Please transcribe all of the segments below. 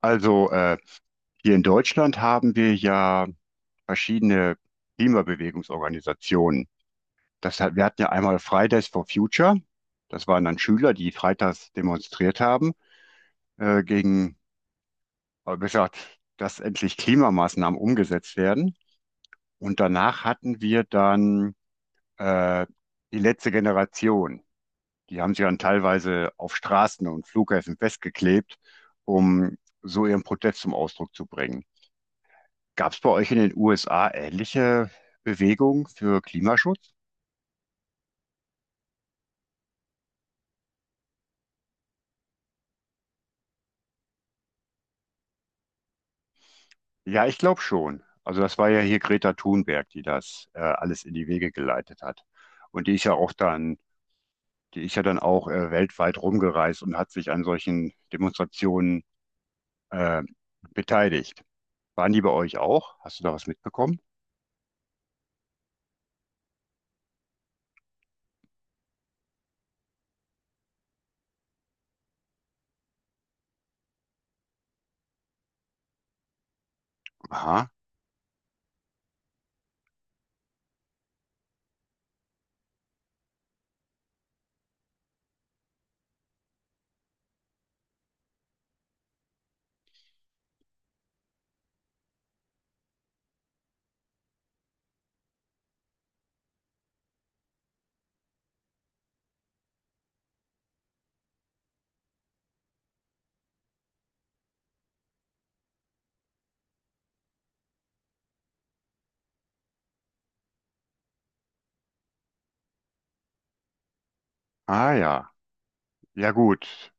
Also äh, Hier in Deutschland haben wir ja verschiedene Klimabewegungsorganisationen. Wir hatten ja einmal Fridays for Future. Das waren dann Schüler, die freitags demonstriert haben, äh, gegen, besser gesagt, dass endlich Klimamaßnahmen umgesetzt werden. Und danach hatten wir dann äh, die letzte Generation. Die haben sich dann teilweise auf Straßen und Flughäfen festgeklebt, um so ihren Protest zum Ausdruck zu bringen. Gab es bei euch in den USA ähnliche Bewegungen für Klimaschutz? Ja, ich glaube schon. Also das war ja hier Greta Thunberg, die das alles in die Wege geleitet hat. Und die ist ja auch dann, die ist ja dann auch weltweit rumgereist und hat sich an solchen Demonstrationen äh, beteiligt. Waren die bei euch auch? Hast du da was mitbekommen? Aha. Ah ja. Ja gut.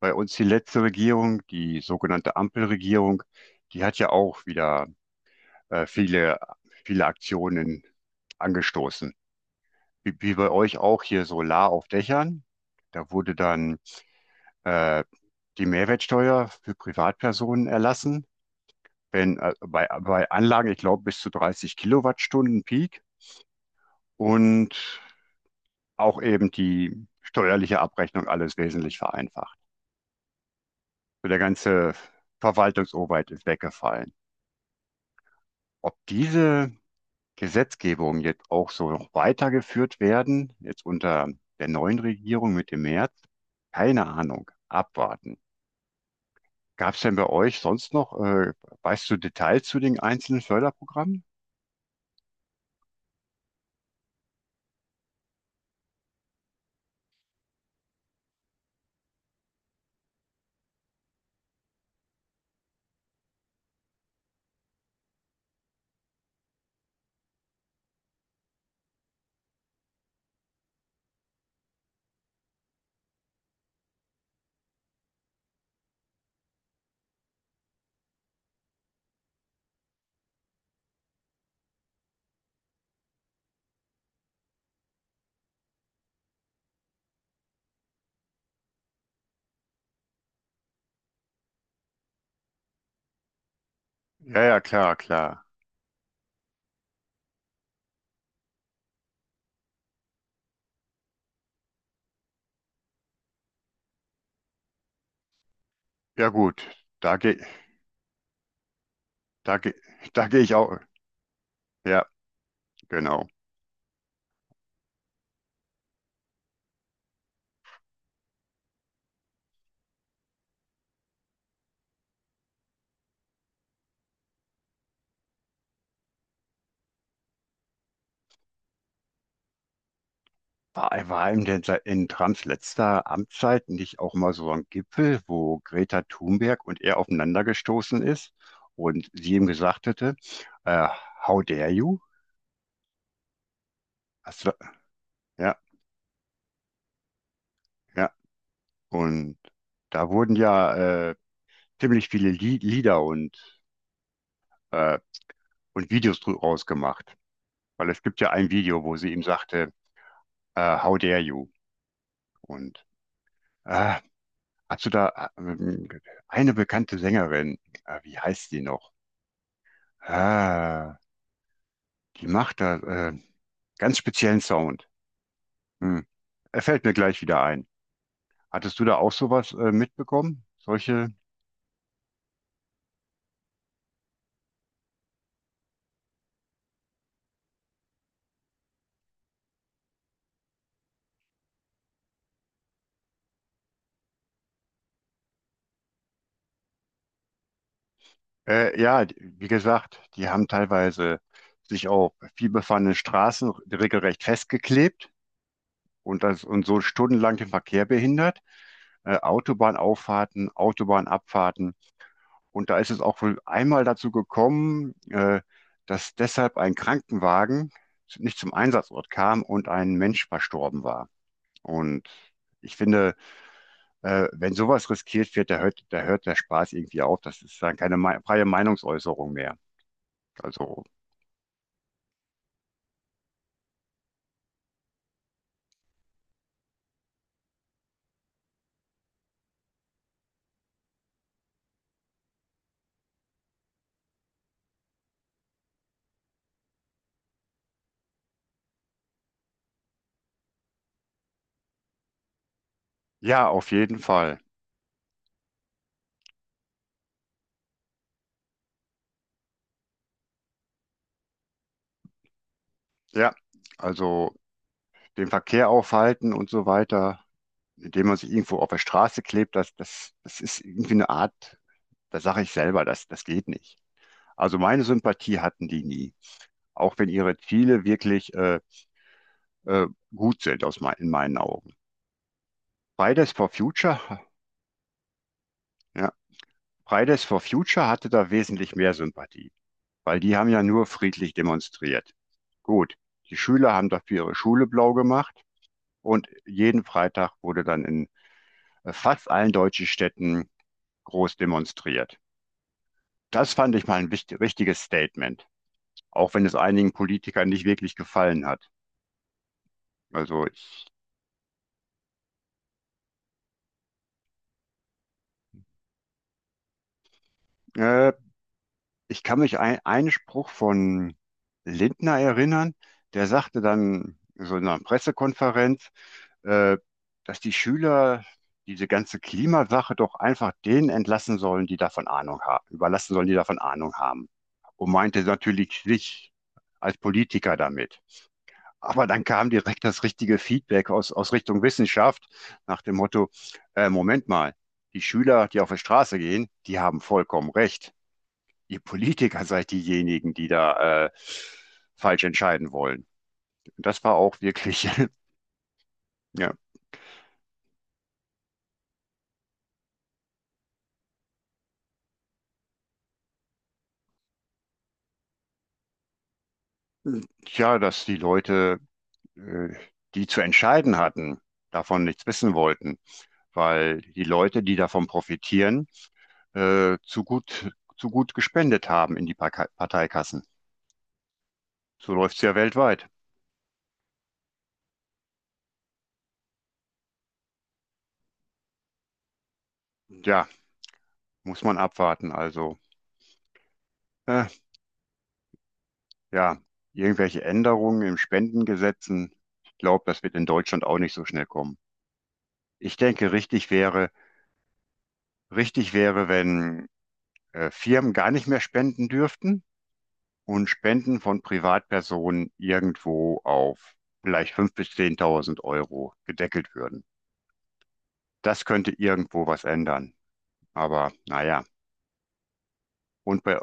Bei uns die letzte Regierung, die sogenannte Ampelregierung, die hat ja auch wieder äh, viele, viele Aktionen angestoßen. Wie bei euch auch hier Solar auf Dächern. Da wurde dann äh, die Mehrwertsteuer für Privatpersonen erlassen, wenn bei Anlagen, ich glaube, bis zu 30 Kilowattstunden Peak und auch eben die steuerliche Abrechnung alles wesentlich vereinfacht. So der ganze Verwaltungsaufwand ist weggefallen. Ob diese Gesetzgebung jetzt auch so noch weitergeführt werden, jetzt unter der neuen Regierung mit dem März? Keine Ahnung, abwarten. Gab es denn bei euch sonst noch, weißt du Details zu den einzelnen Förderprogrammen? Ja, ja, klar, klar. Ja gut, da gehe da geh, da geh ich auch. Ja, genau. War in Trumps letzter Amtszeit nicht auch mal so ein Gipfel, wo Greta Thunberg und er aufeinander gestoßen ist und sie ihm gesagt hätte, äh, How dare you? Hast du- ja, ja. Und da wurden ja ziemlich viele Lieder und, äh, und Videos draus rausgemacht, weil es gibt ja ein Video, wo sie ihm sagte, How dare you? Und äh, hast du da eine bekannte Sängerin, wie heißt sie noch? Ah. Die macht da ganz speziellen Sound. Hm. Er fällt mir gleich wieder ein. Hattest du da auch sowas mitbekommen? Solche? Ja, wie gesagt, die haben teilweise sich auf vielbefahrene Straßen regelrecht festgeklebt und das und so stundenlang den Verkehr behindert. Autobahnauffahrten, Autobahnabfahrten. Und da ist es auch wohl einmal dazu gekommen, dass deshalb ein Krankenwagen nicht zum Einsatzort kam und ein Mensch verstorben war. Und ich finde, wenn sowas riskiert wird, da hört der Spaß irgendwie auf. Das ist dann keine freie Meinungsäußerung mehr. Also ja, auf jeden Fall. Ja, also den Verkehr aufhalten und so weiter, indem man sich irgendwo auf der Straße klebt, das ist irgendwie eine Art, da sage ich selber, das geht nicht. Also meine Sympathie hatten die nie, auch wenn ihre Ziele wirklich äh, gut sind in meinen Augen. Fridays for Future, ja. Fridays for Future hatte da wesentlich mehr Sympathie, weil die haben ja nur friedlich demonstriert. Gut, die Schüler haben dafür ihre Schule blau gemacht und jeden Freitag wurde dann in fast allen deutschen Städten groß demonstriert. Das fand ich mal ein richtiges Statement, auch wenn es einigen Politikern nicht wirklich gefallen hat. Also ich, äh, Ich kann mich einen Spruch von Lindner erinnern, der sagte dann so in einer Pressekonferenz, äh, dass die Schüler diese ganze Klimasache doch einfach denen entlassen sollen, die davon Ahnung haben, überlassen sollen, die davon Ahnung haben. Und meinte natürlich sich als Politiker damit. Aber dann kam direkt das richtige Feedback aus, aus Richtung Wissenschaft nach dem Motto, Moment mal, die Schüler, die auf die Straße gehen, die haben vollkommen recht, ihr Politiker seid diejenigen, die da falsch entscheiden wollen. Das war auch wirklich, ja, tja, dass die Leute, äh, die zu entscheiden hatten, davon nichts wissen wollten, weil die Leute, die davon profitieren, äh, zu gut, zu gut gespendet haben in die Parteikassen. So läuft es ja weltweit. Ja, muss man abwarten. Äh, ja, irgendwelche Änderungen im Spendengesetzen. Ich glaube, das wird in Deutschland auch nicht so schnell kommen. Ich denke, richtig wäre, wenn Firmen gar nicht mehr spenden dürften und Spenden von Privatpersonen irgendwo auf vielleicht 5.000 bis 10.000 Euro gedeckelt würden. Das könnte irgendwo was ändern. Aber naja, und bei,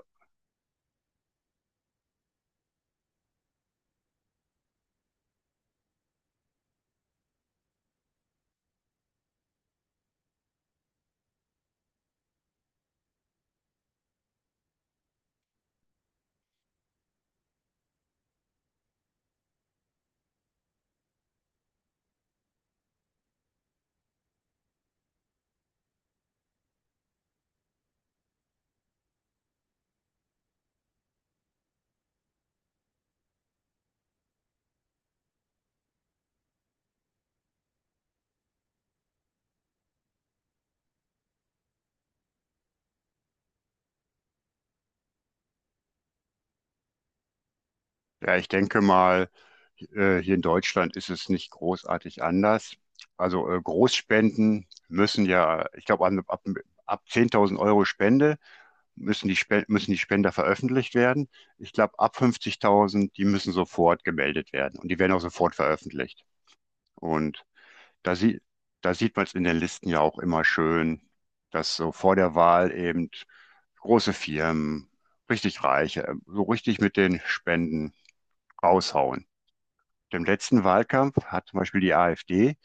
ja, ich denke mal, hier in Deutschland ist es nicht großartig anders. Also Großspenden müssen ja, ich glaube, ab 10.000 Euro Spende müssen müssen die Spender veröffentlicht werden. Ich glaube, ab 50.000, die müssen sofort gemeldet werden und die werden auch sofort veröffentlicht. Und da, sie, da sieht man es in den Listen ja auch immer schön, dass so vor der Wahl eben große Firmen, richtig Reiche, so richtig mit den Spenden raushauen. Im letzten Wahlkampf hat zum Beispiel die AfD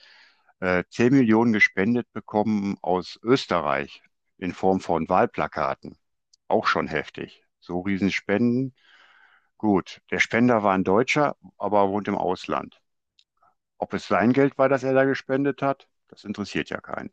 10 Millionen gespendet bekommen aus Österreich in Form von Wahlplakaten. Auch schon heftig. So Riesenspenden. Gut, der Spender war ein Deutscher, aber wohnt im Ausland. Ob es sein Geld war, das er da gespendet hat, das interessiert ja keinen.